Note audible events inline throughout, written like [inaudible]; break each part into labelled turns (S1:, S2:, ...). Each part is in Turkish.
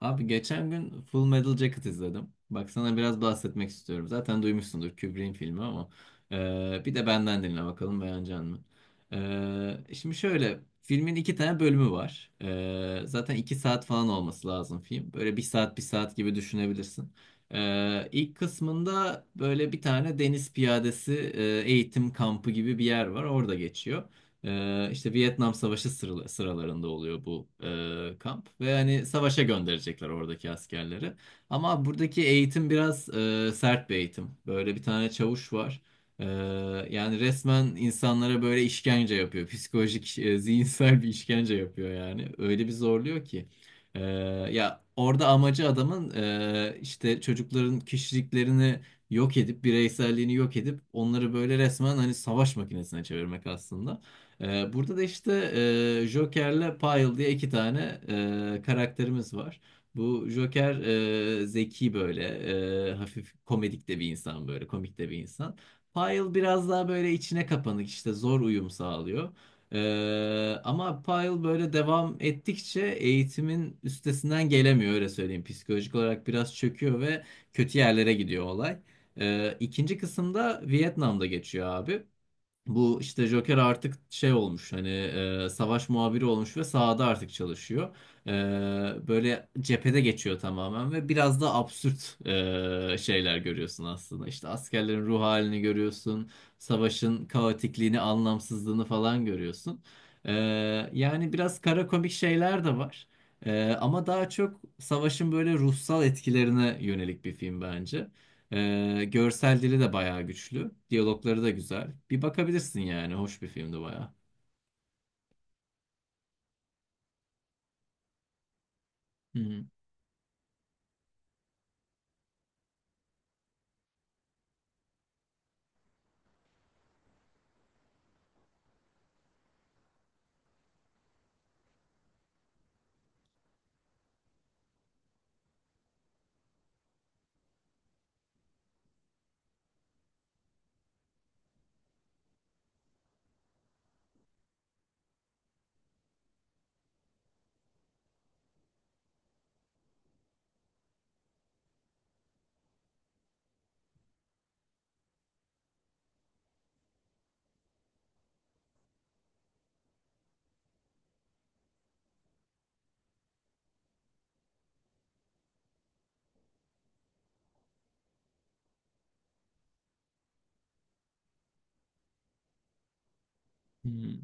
S1: Abi geçen gün Full Metal Jacket izledim. Bak sana biraz bahsetmek istiyorum. Zaten duymuşsundur Kubrick'in filmi ama bir de benden dinle bakalım beğenecek misin? Şimdi şöyle filmin iki tane bölümü var. Zaten 2 saat falan olması lazım film. Böyle bir saat bir saat gibi düşünebilirsin. E, ilk kısmında böyle bir tane deniz piyadesi eğitim kampı gibi bir yer var. Orada geçiyor. İşte Vietnam Savaşı sıralarında oluyor bu kamp ve hani savaşa gönderecekler oradaki askerleri. Ama buradaki eğitim biraz sert bir eğitim. Böyle bir tane çavuş var. Ee, Yani resmen insanlara böyle işkence yapıyor. Psikolojik, [laughs] zihinsel bir işkence yapıyor yani. Öyle bir zorluyor ki. Ee, Ya orada amacı adamın işte çocukların kişiliklerini yok edip bireyselliğini yok edip onları böyle resmen hani savaş makinesine çevirmek aslında. Burada da işte Joker'le Pyle diye iki tane karakterimiz var. Bu Joker zeki böyle, hafif komedik de bir insan böyle, komik de bir insan. Pyle biraz daha böyle içine kapanık, işte zor uyum sağlıyor. Ama Pyle böyle devam ettikçe eğitimin üstesinden gelemiyor, öyle söyleyeyim. Psikolojik olarak biraz çöküyor ve kötü yerlere gidiyor olay. İkinci kısımda Vietnam'da geçiyor abi. Bu işte Joker artık şey olmuş, hani savaş muhabiri olmuş ve sahada artık çalışıyor. E, Böyle cephede geçiyor tamamen ve biraz da absürt şeyler görüyorsun aslında. İşte askerlerin ruh halini görüyorsun, savaşın kaotikliğini, anlamsızlığını falan görüyorsun. E, Yani biraz kara komik şeyler de var. Ama daha çok savaşın böyle ruhsal etkilerine yönelik bir film bence. Görsel dili de bayağı güçlü. Diyalogları da güzel. Bir bakabilirsin yani. Hoş bir filmdi bayağı. Hı hı. Hı hı.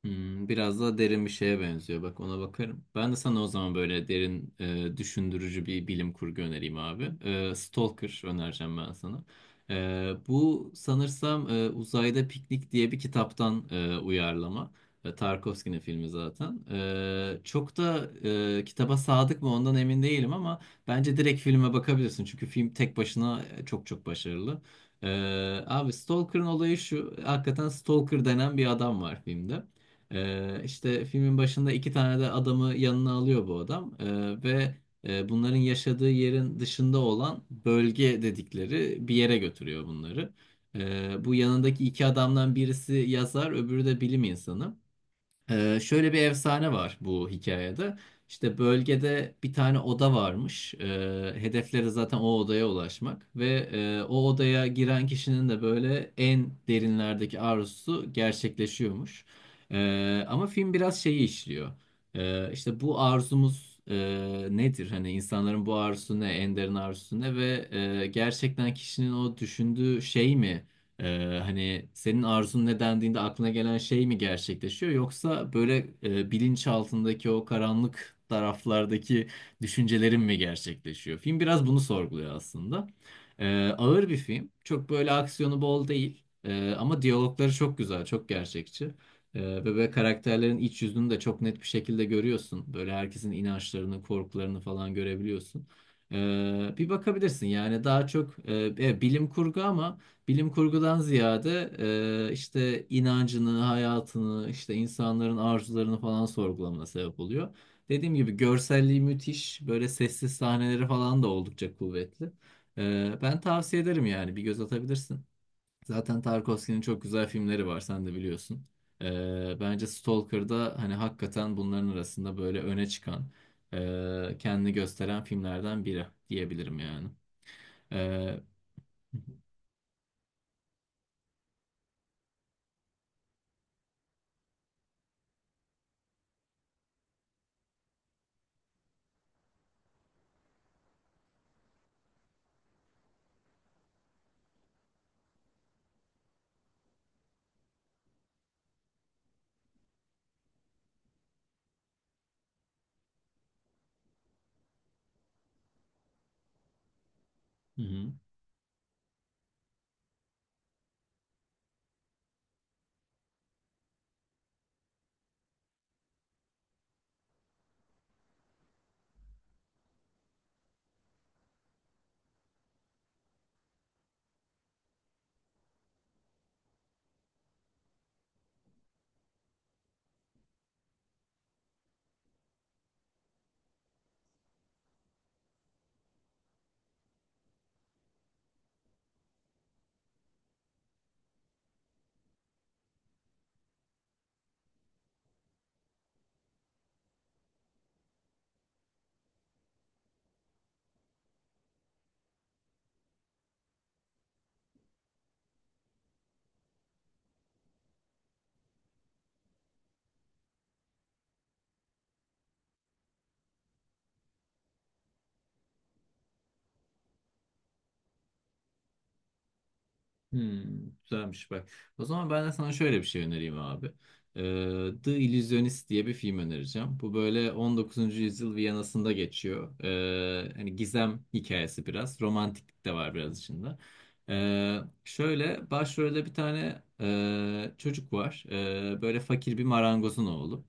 S1: Hmm, biraz daha derin bir şeye benziyor. Bak, ona bakarım. Ben de sana o zaman böyle derin, düşündürücü bir bilim kurgu önereyim abi. Stalker önereceğim ben sana. Bu sanırsam Uzayda Piknik diye bir kitaptan uyarlama. Tarkovski'nin filmi zaten. Çok da kitaba sadık mı, ondan emin değilim, ama bence direkt filme bakabilirsin. Çünkü film tek başına çok çok başarılı. E, Abi Stalker'ın olayı şu. Hakikaten Stalker denen bir adam var filmde. İşte filmin başında iki tane de adamı yanına alıyor bu adam, ve bunların yaşadığı yerin dışında olan bölge dedikleri bir yere götürüyor bunları. Bu yanındaki iki adamdan birisi yazar, öbürü de bilim insanı. Şöyle bir efsane var bu hikayede. İşte bölgede bir tane oda varmış. Hedefleri zaten o odaya ulaşmak ve o odaya giren kişinin de böyle en derinlerdeki arzusu gerçekleşiyormuş. Ama film biraz şeyi işliyor. İşte bu arzumuz nedir? Hani insanların bu arzusu ne? En derin arzusu ne? Ve gerçekten kişinin o düşündüğü şey mi, hani senin arzun ne dendiğinde aklına gelen şey mi gerçekleşiyor, yoksa böyle bilinç altındaki o karanlık taraflardaki düşüncelerin mi gerçekleşiyor? Film biraz bunu sorguluyor aslında. Ee, Ağır bir film. Çok böyle aksiyonu bol değil. Ama diyalogları çok güzel, çok gerçekçi. Ve böyle karakterlerin iç yüzünü de çok net bir şekilde görüyorsun. Böyle herkesin inançlarını, korkularını falan görebiliyorsun. Bir bakabilirsin yani. Daha çok bilim kurgu, ama bilim kurgudan ziyade işte inancını, hayatını, işte insanların arzularını falan sorgulamana sebep oluyor. Dediğim gibi görselliği müthiş, böyle sessiz sahneleri falan da oldukça kuvvetli. Ben tavsiye ederim yani, bir göz atabilirsin. Zaten Tarkovski'nin çok güzel filmleri var, sen de biliyorsun. Bence Stalker'da hani hakikaten bunların arasında böyle öne çıkan, kendini gösteren filmlerden biri diyebilirim yani. E, Hı hı. Hmm, güzelmiş bak. O zaman ben de sana şöyle bir şey önereyim abi. The Illusionist diye bir film önereceğim. Bu böyle 19. yüzyıl Viyana'sında geçiyor. Hani gizem hikayesi biraz. Romantiklik de var biraz içinde. Şöyle başrolde bir tane çocuk var. Böyle fakir bir marangozun oğlu.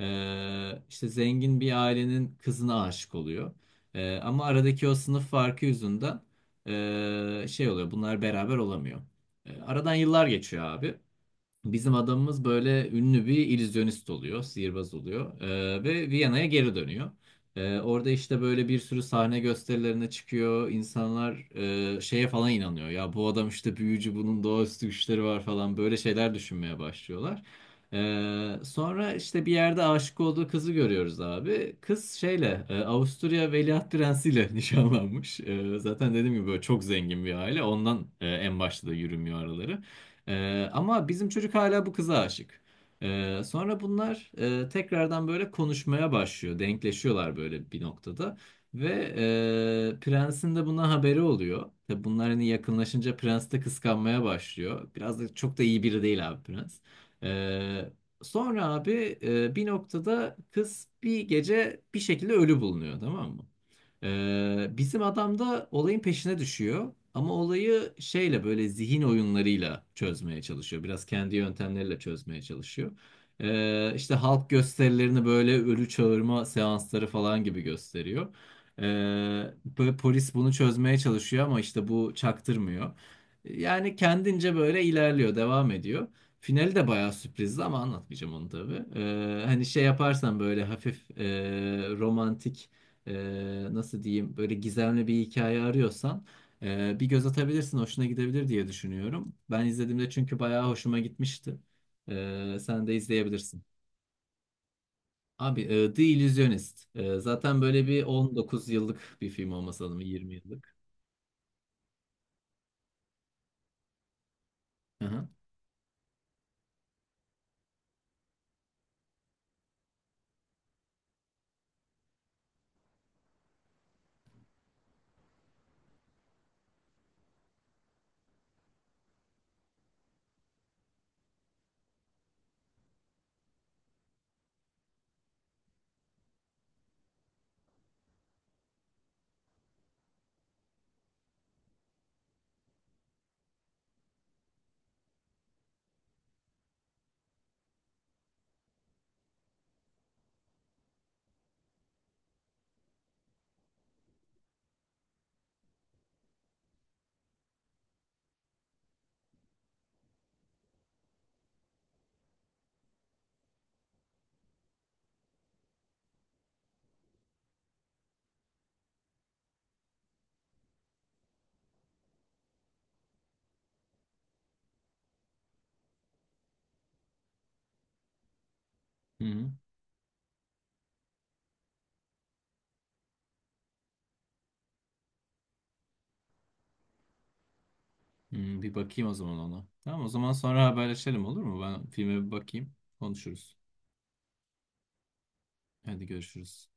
S1: İşte zengin bir ailenin kızına aşık oluyor. Ama aradaki o sınıf farkı yüzünden şey oluyor, bunlar beraber olamıyor. Aradan yıllar geçiyor abi. Bizim adamımız böyle ünlü bir illüzyonist oluyor, sihirbaz oluyor, ve Viyana'ya geri dönüyor. Orada işte böyle bir sürü sahne gösterilerine çıkıyor. İnsanlar şeye falan inanıyor. Ya bu adam işte büyücü, bunun doğaüstü güçleri var falan, böyle şeyler düşünmeye başlıyorlar. Sonra işte bir yerde aşık olduğu kızı görüyoruz abi. Kız şeyle Avusturya Veliaht Prensi ile [laughs] nişanlanmış. Zaten dediğim gibi böyle çok zengin bir aile. Ondan en başta da yürümüyor araları. Ama bizim çocuk hala bu kıza aşık. Sonra bunlar tekrardan böyle konuşmaya başlıyor. Denkleşiyorlar böyle bir noktada. Ve prensin de buna haberi oluyor. Tabii bunlar hani yakınlaşınca prens de kıskanmaya başlıyor. Biraz da çok da iyi biri değil abi prens. Ee, Sonra abi bir noktada kız bir gece bir şekilde ölü bulunuyor, tamam mı? Bizim adam da olayın peşine düşüyor. Ama olayı şeyle böyle zihin oyunlarıyla çözmeye çalışıyor. Biraz kendi yöntemleriyle çözmeye çalışıyor. İşte halk gösterilerini böyle ölü çağırma seansları falan gibi gösteriyor. Ee, Böyle polis bunu çözmeye çalışıyor ama işte bu çaktırmıyor. Yani kendince böyle ilerliyor, devam ediyor. Finali de bayağı sürprizdi ama anlatmayacağım onu tabii. Hani şey yaparsan, böyle hafif romantik, nasıl diyeyim, böyle gizemli bir hikaye arıyorsan bir göz atabilirsin, hoşuna gidebilir diye düşünüyorum. Ben izlediğimde çünkü bayağı hoşuma gitmişti. Sen de izleyebilirsin. Abi The Illusionist. Zaten böyle bir 19 yıllık bir film olması lazım, 20 yıllık. Hı hı. Hı hı. Hmm, bir bakayım o zaman ona. Tamam, o zaman sonra haberleşelim, olur mu? Ben filme bir bakayım, konuşuruz. Hadi görüşürüz.